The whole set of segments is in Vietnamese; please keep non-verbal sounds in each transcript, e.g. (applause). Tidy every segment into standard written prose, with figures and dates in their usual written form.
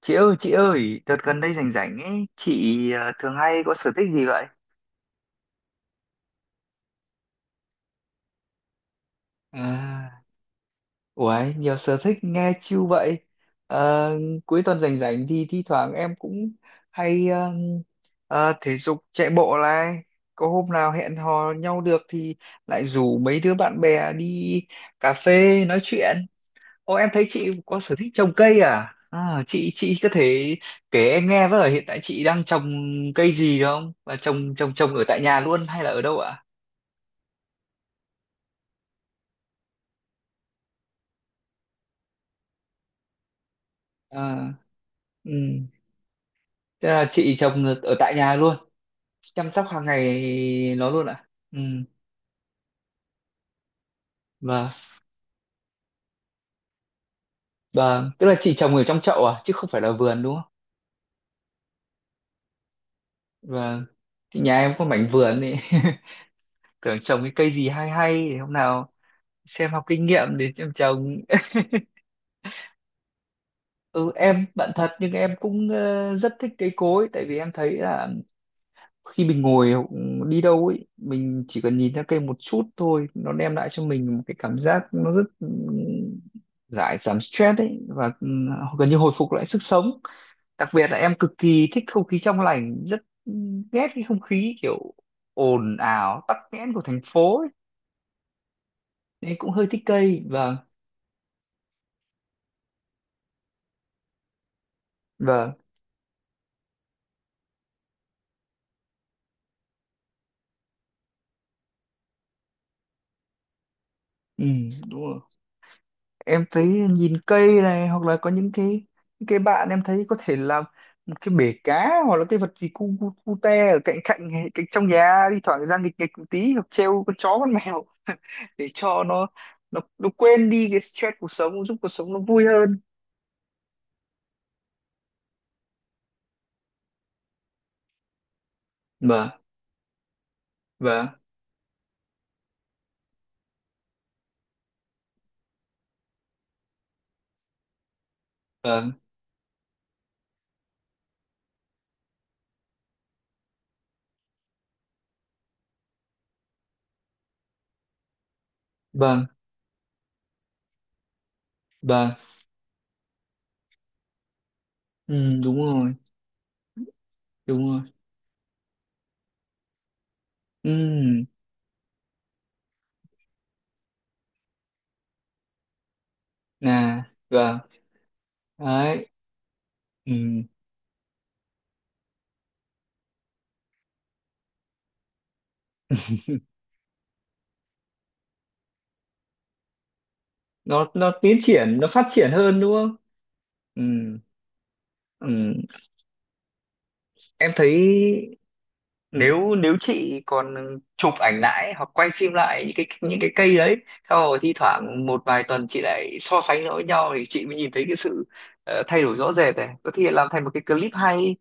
Chị ơi, đợt gần đây rảnh rảnh ấy, chị thường hay có sở thích gì vậy? À, uầy, nhiều sở thích nghe chill vậy. Ờ, cuối tuần rảnh rảnh thì thi thoảng em cũng hay thể dục chạy bộ này. Có hôm nào hẹn hò nhau được thì lại rủ mấy đứa bạn bè đi cà phê nói chuyện. Ô, em thấy chị có sở thích trồng cây à? À, chị có thể kể em nghe với, ở hiện tại chị đang trồng cây gì không? Và trồng trồng trồng ở tại nhà luôn hay là ở đâu ạ? À, ừ. Thế là chị trồng ở ở tại nhà luôn, chăm sóc hàng ngày nó luôn ạ. Ừ. Và và tức là chị trồng ở trong chậu à chứ không phải là vườn đúng không? Và nhà em có mảnh vườn ấy. (laughs) Tưởng trồng cái cây gì hay hay để hôm nào xem học kinh nghiệm để em trồng. Ừ, em bạn thật nhưng em cũng rất thích cây cối, tại vì em thấy là khi mình ngồi hoặc đi đâu ấy, mình chỉ cần nhìn ra cây một chút thôi, nó đem lại cho mình một cái cảm giác nó rất giải giảm stress ấy, và gần như hồi phục lại sức sống, đặc biệt là em cực kỳ thích không khí trong lành, rất ghét cái không khí kiểu ồn ào tắc nghẽn của thành phố ấy. Nên cũng hơi thích cây. Vâng, vâng, ừ, đúng rồi. Em thấy nhìn cây này, hoặc là có những cái bạn em thấy có thể làm một cái bể cá, hoặc là cái vật gì cu cu, cu te ở cạnh cạnh cạnh trong nhà, thi thoảng ra nghịch nghịch một tí, hoặc treo con chó con mèo (laughs) để cho nó quên đi cái stress cuộc sống, giúp cuộc sống nó vui hơn. Vâng, vâng, vâng, vâng, vâng, ừ, đúng rồi, đúng rồi, ừ, nè. Vâng, đấy, ừ. (laughs) Nó tiến triển, nó phát triển hơn đúng không? Ừ. Ừ. Em thấy, ừ, nếu nếu chị còn chụp ảnh lại hoặc quay phim lại những cái cây đấy, sau rồi thi thoảng một vài tuần chị lại so sánh nó với nhau, thì chị mới nhìn thấy cái sự thay đổi rõ rệt này, có thể làm thành một cái clip hay.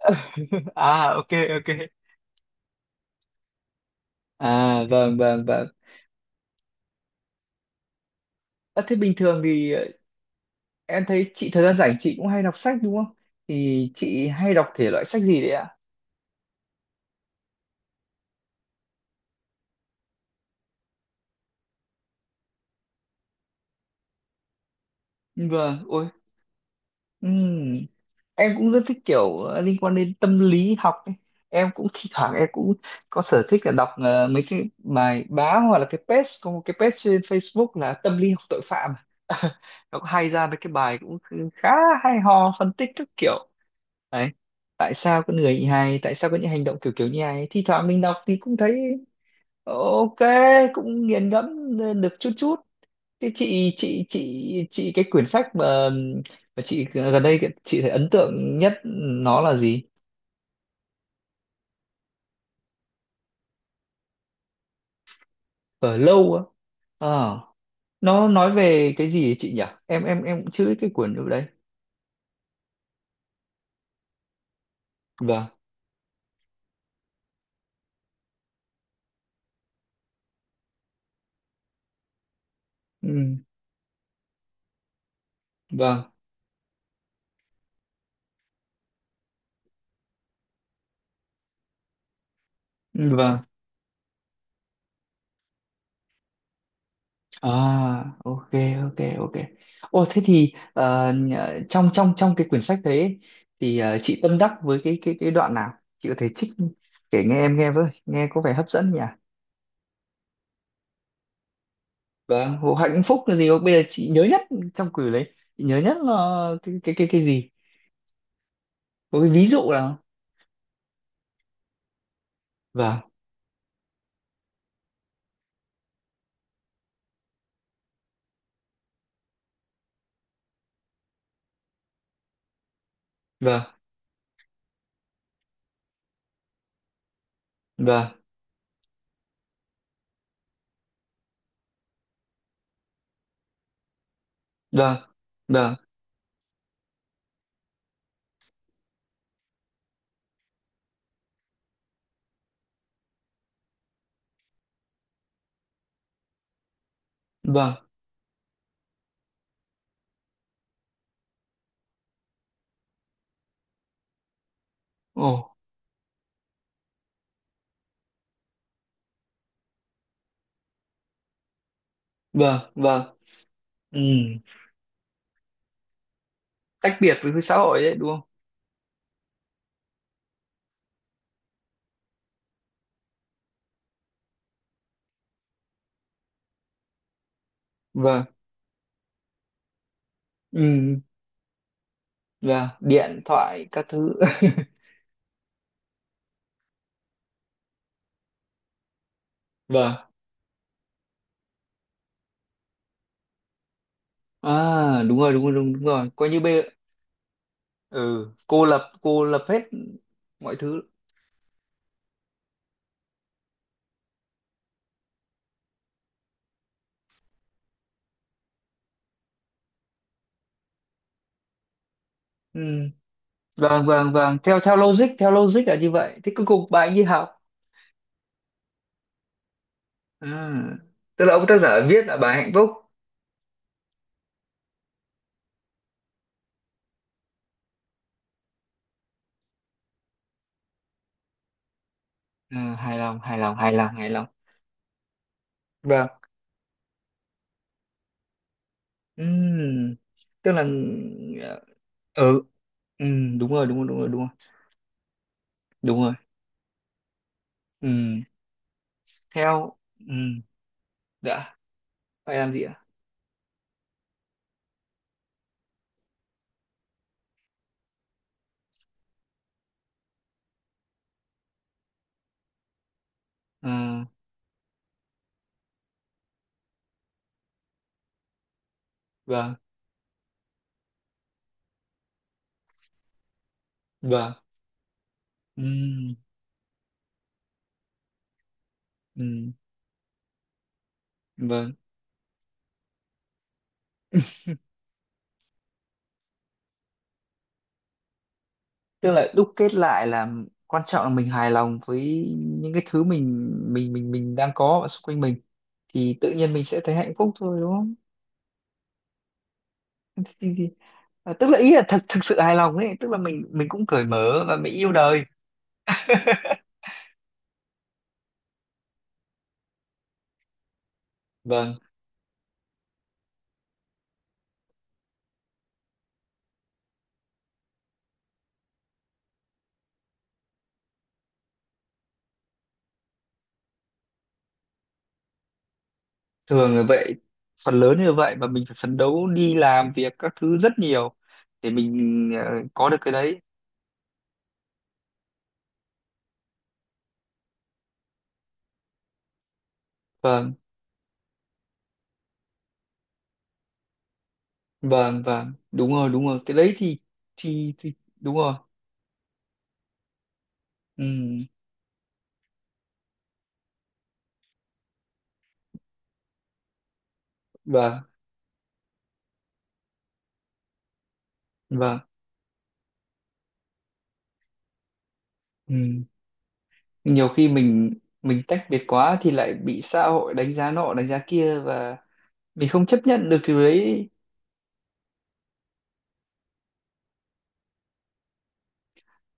(laughs) À, ok, ok. À, vâng, vâng, vâng. À, thế bình thường thì em thấy chị thời gian rảnh chị cũng hay đọc sách đúng không, thì chị hay đọc thể loại sách gì đấy ạ? Vâng, ôi, ừ, em cũng rất thích kiểu liên quan đến tâm lý học ấy. Em cũng thi thoảng em cũng có sở thích là đọc mấy cái bài báo, hoặc là cái page, có một cái page trên Facebook là tâm lý học tội phạm, (laughs) nó có hay ra mấy cái bài cũng khá hay ho, phân tích các kiểu, đấy, tại sao con người như này, tại sao có những hành động kiểu kiểu như này, thi thoảng mình đọc thì cũng thấy ok, cũng nghiền ngẫm, được chút chút. Thế chị cái quyển sách mà chị gần đây chị thấy ấn tượng nhất nó là gì? Ở lâu á. Ờ, nó nói về cái gì ấy chị nhỉ? Em cũng chưa biết cái quyển ở đây. Vâng. Ừ, vâng. Ừ, vâng. À, ok, ok, ok. Ồ thế thì trong trong trong cái quyển sách đấy ấy, thì chị tâm đắc với cái đoạn nào? Chị có thể trích kể nghe em nghe với, nghe có vẻ hấp dẫn nhỉ? Vâng, vụ hạnh phúc là gì? Bây giờ chị nhớ nhất trong quyển đấy, chị nhớ nhất là cái gì? Có cái ví dụ nào? Vâng, vâng, vâng, vâng, vâng, vâng, ồ, vâng, vâng, ừ. Tách biệt với cái xã hội đấy đúng không? Vâng, ừ, vâng, điện thoại các thứ, (laughs) vâng, à đúng rồi, đúng rồi, đúng, đúng rồi, coi như bây, ừ, cô lập hết mọi thứ, ừ. Vâng, vâng, vâng, theo theo logic là như vậy. Thế cuối cùng bà ấy đi học. À, tức là ông tác giả viết là bà hạnh phúc. À, hài lòng, hài lòng, hài lòng, hài lòng. Vâng, ừm, tức là, ừ, đúng rồi, đúng rồi, đúng rồi, đúng rồi, đúng rồi. Ừm, theo, ừm, đã phải làm gì ạ? À, vâng, vâng. Ừm, ừm, vâng, tức là đúc kết lại là quan trọng là mình hài lòng với những cái thứ mình đang có ở xung quanh mình, thì tự nhiên mình sẽ thấy hạnh phúc thôi đúng không? thì, thì, à, tức là ý là thật thực sự hài lòng ấy, tức là mình cũng cởi mở và mình yêu đời. (laughs) Vâng, thường là vậy, phần lớn như vậy, và mình phải phấn đấu đi làm việc các thứ rất nhiều, để mình có được cái đấy. Vâng, vâng, vâng, đúng rồi, đúng rồi, cái đấy thì, thì đúng rồi. Ừ, vâng, vâng, ừ. Nhiều khi mình tách biệt quá thì lại bị xã hội đánh giá nọ đánh giá kia, và mình không chấp nhận được điều đấy.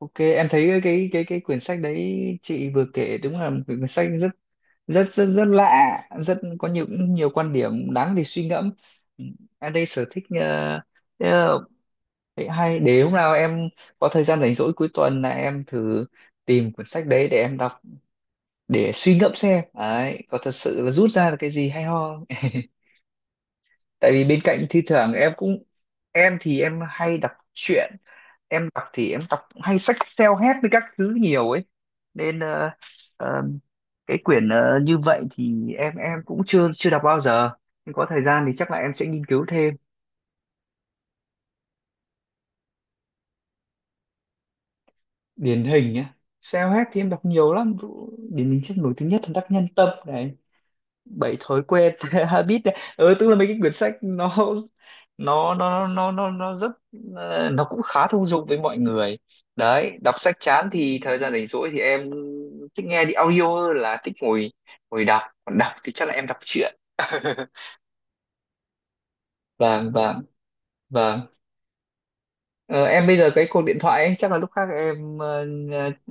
Ok, em thấy cái quyển sách đấy chị vừa kể đúng là một quyển sách rất rất lạ, rất có nhiều nhiều quan điểm đáng để suy ngẫm. Ừ. Em đây sở thích ờ, vậy hay để hôm nào em có thời gian rảnh rỗi cuối tuần là em thử tìm quyển sách đấy để em đọc, để suy ngẫm xem. Đấy, có thật sự là rút ra được cái gì hay ho. (laughs) Tại vì bên cạnh thi thoảng em cũng, em thì em hay đọc truyện, em đọc thì em đọc hay sách self-help với các thứ nhiều ấy, nên ờ, cái quyển như vậy thì em cũng chưa chưa đọc bao giờ, nhưng có thời gian thì chắc là em sẽ nghiên cứu thêm. Điển hình nhá, self-help thì em đọc nhiều lắm, điển hình sách nổi tiếng nhất là Đắc Nhân Tâm này, 7 thói quen (laughs) habit này, ừ, tức là mấy cái quyển sách nó nó rất nó cũng khá thông dụng với mọi người. Đấy, đọc sách chán thì thời gian rảnh rỗi thì em thích nghe đi audio hơn là thích ngồi ngồi đọc, còn đọc thì chắc là em đọc truyện. (laughs) Vâng, vâng, vâng. Ờ, em bây giờ cái cuộc điện thoại ấy, chắc là lúc khác em ờ,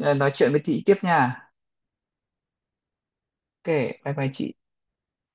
ờ, nói chuyện với chị tiếp nha. Ok, bye bye chị.